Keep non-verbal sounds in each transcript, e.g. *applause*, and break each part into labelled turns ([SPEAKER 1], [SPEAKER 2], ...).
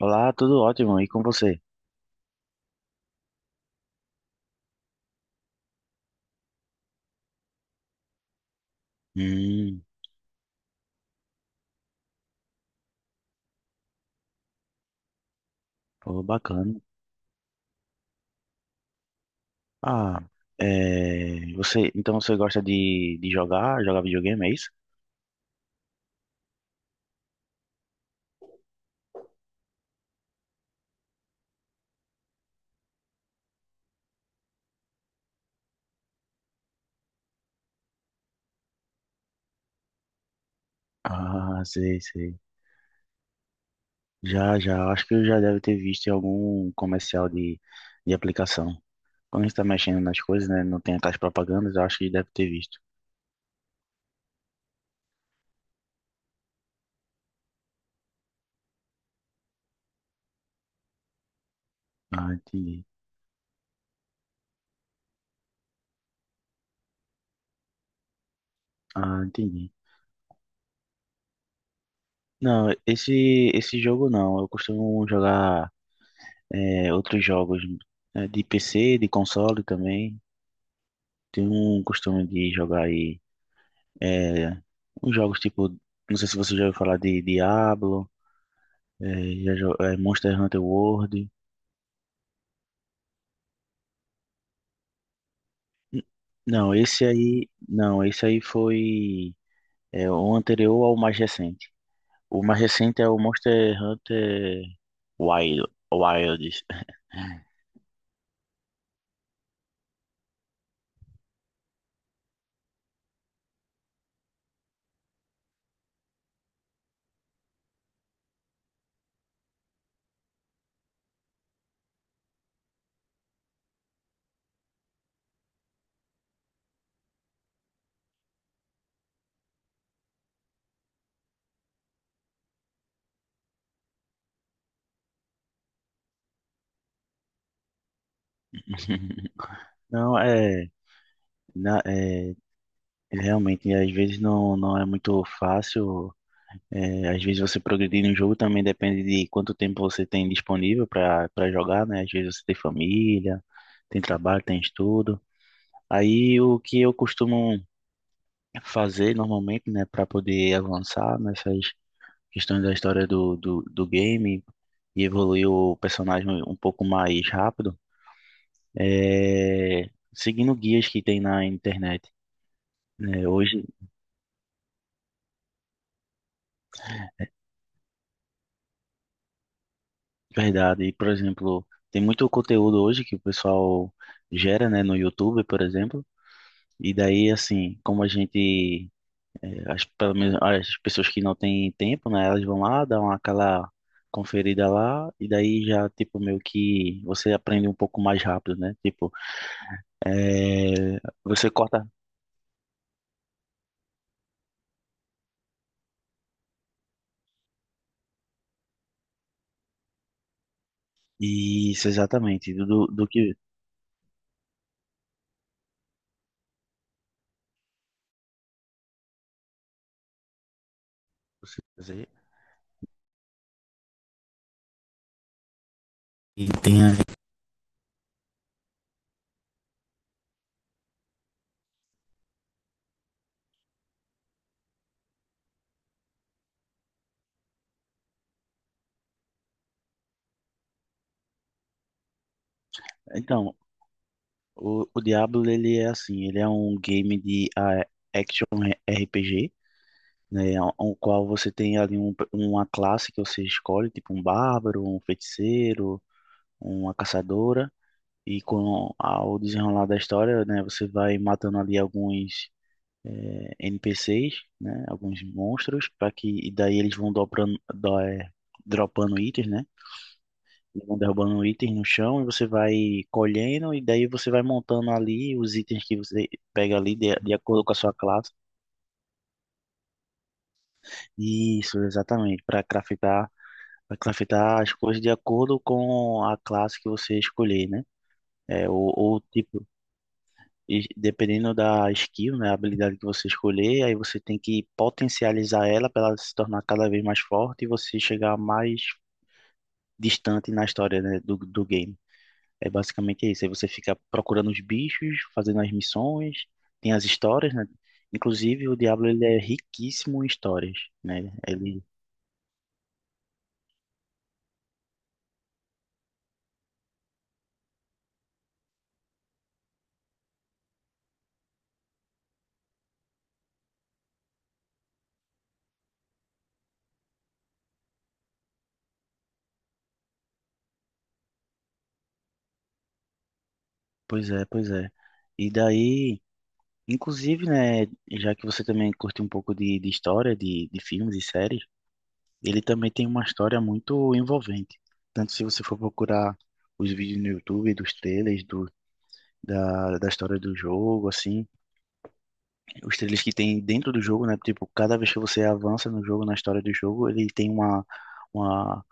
[SPEAKER 1] Olá, tudo ótimo. E com você? Hum, pô, bacana. Ah, é, então você gosta de jogar, videogame, é isso? Ah, sei, sei. Já, já, acho que eu já deve ter visto em algum comercial de aplicação. Quando a gente tá mexendo nas coisas, né, não tem aquelas propagandas, eu acho que deve ter visto. Ah, entendi. Ah, entendi. Não, esse jogo não, eu costumo jogar outros jogos de PC, de console também. Tem um costume de jogar aí é, uns jogos tipo, não sei se você já ouviu falar de Diablo, é, é, Monster Hunter World. N- Não, esse aí foi é, o anterior ao mais recente. O mais recente é o Monster Hunter Wild, Wilds. *laughs* Não, é, na- é realmente, às vezes não, não é muito fácil. É, às vezes você progredir no jogo também depende de quanto tempo você tem disponível para jogar, né? Às vezes você tem família, tem trabalho, tem estudo. Aí o que eu costumo fazer normalmente, né, para poder avançar nessas questões da história do game e evoluir o personagem um pouco mais rápido, é seguindo guias que tem na internet. Né? Hoje, verdade. E, por exemplo, tem muito conteúdo hoje que o pessoal gera, né, no YouTube, por exemplo. E daí, assim, como a gente, eh, as, pelo menos as pessoas que não têm tempo, né, elas vão lá, dão aquela conferida lá, e daí já, tipo, meio que você aprende um pouco mais rápido, né? Tipo, você corta. Isso, exatamente. Do que você fazer. E então, o Diablo, ele é assim, ele é um game de action RPG, né, o qual você tem ali uma classe que você escolhe, tipo um bárbaro, um feiticeiro, uma caçadora, e com ao desenrolar da história, né, você vai matando ali alguns NPCs, né, alguns monstros, para que e daí eles vão dropando itens, né, eles vão derrubando itens no chão e você vai colhendo, e daí você vai montando ali os itens que você pega ali de acordo com a sua classe. Isso, exatamente, para craftar as coisas de acordo com a classe que você escolher, né? É, ou tipo, e dependendo da skill, né, a habilidade que você escolher, aí você tem que potencializar ela para ela se tornar cada vez mais forte e você chegar mais distante na história, né, do game. É basicamente isso. Aí você fica procurando os bichos, fazendo as missões, tem as histórias, né? Inclusive, o Diablo ele é riquíssimo em histórias, né? Pois é, pois é. E daí, inclusive, né, já que você também curte um pouco de história, de filmes e séries, ele também tem uma história muito envolvente. Tanto se você for procurar os vídeos no YouTube, dos trailers, da história do jogo, assim, os trilhos que tem dentro do jogo, né? Tipo, cada vez que você avança no jogo, na história do jogo, ele tem uma,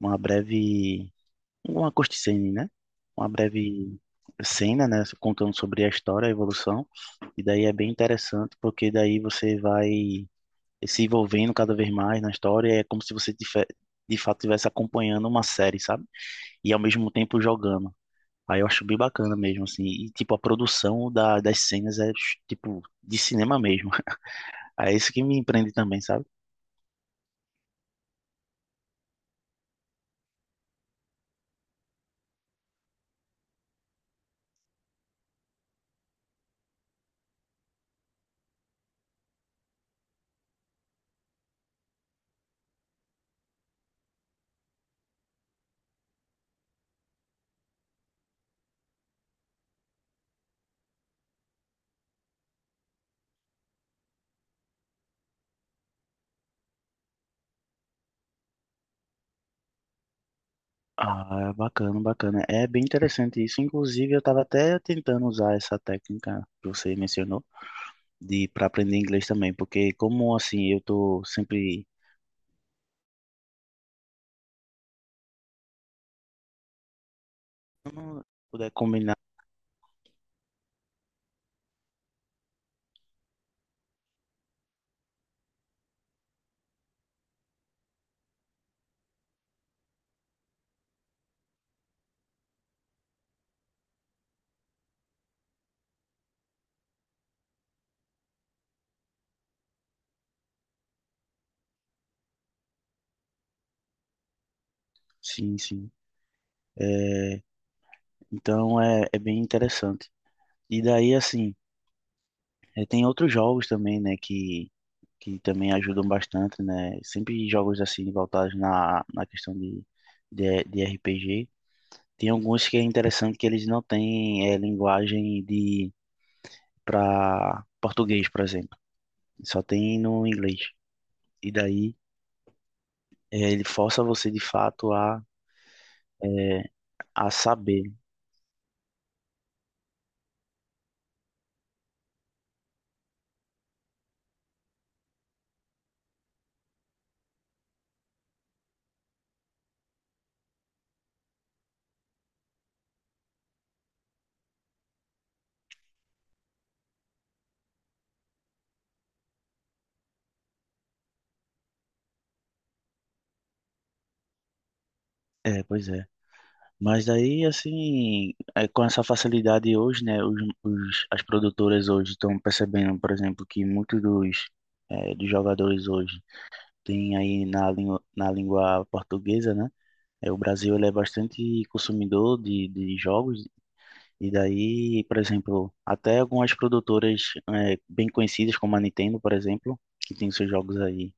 [SPEAKER 1] uma breve, uma cutscene, né? Uma breve cena, né? Contando sobre a história, a evolução. E daí é bem interessante, porque daí você vai se envolvendo cada vez mais na história. É como se você de fato estivesse acompanhando uma série, sabe? E ao mesmo tempo jogando. Aí eu acho bem bacana mesmo, assim. E, tipo, a produção das cenas é, tipo, de cinema mesmo. É isso que me empreende também, sabe? Ah, bacana, bacana. É bem interessante isso. Inclusive, eu estava até tentando usar essa técnica que você mencionou de para aprender inglês também, porque como assim, eu tô sempre como puder combinar. Sim, sim. É, então é, é bem interessante. E daí assim, é, tem outros jogos também, né, que também ajudam bastante, né? Sempre jogos assim voltados na questão de RPG. Tem alguns que é interessante que eles não têm linguagem de para português, por exemplo. Só tem no inglês. E daí ele força você de fato a saber. É, pois é. Mas daí, assim, com essa facilidade hoje, né, as produtoras hoje estão percebendo, por exemplo, que muitos dos jogadores hoje têm aí na língua portuguesa, né? É, o Brasil ele é bastante consumidor de jogos. E daí, por exemplo, até algumas produtoras bem conhecidas, como a Nintendo, por exemplo, que tem seus jogos aí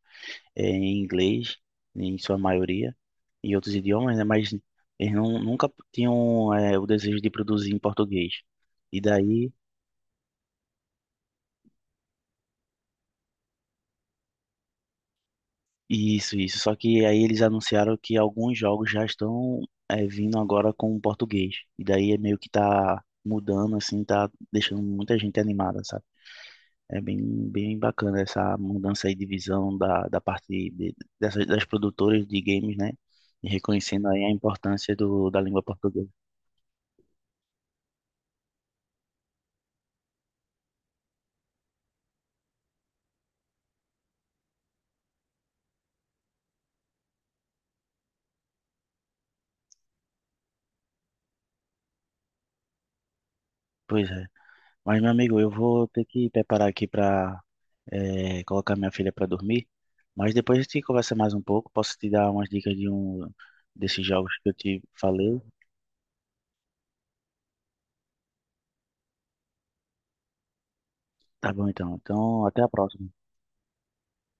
[SPEAKER 1] em inglês, em sua maioria, e outros idiomas, né? Mas eles não, nunca tinham o desejo de produzir em português. E daí, isso, isso. Só que aí eles anunciaram que alguns jogos já estão vindo agora com português. E daí é meio que tá mudando, assim, tá deixando muita gente animada, sabe? É bem, bem bacana essa mudança aí de visão da parte dessas, das produtoras de games, né? E reconhecendo aí a importância da língua portuguesa. Pois é. Mas, meu amigo, eu vou ter que preparar aqui para colocar minha filha para dormir. Mas depois a gente conversa mais um pouco. Posso te dar umas dicas de um desses jogos que eu te falei? Tá bom, então. Então, até a próxima.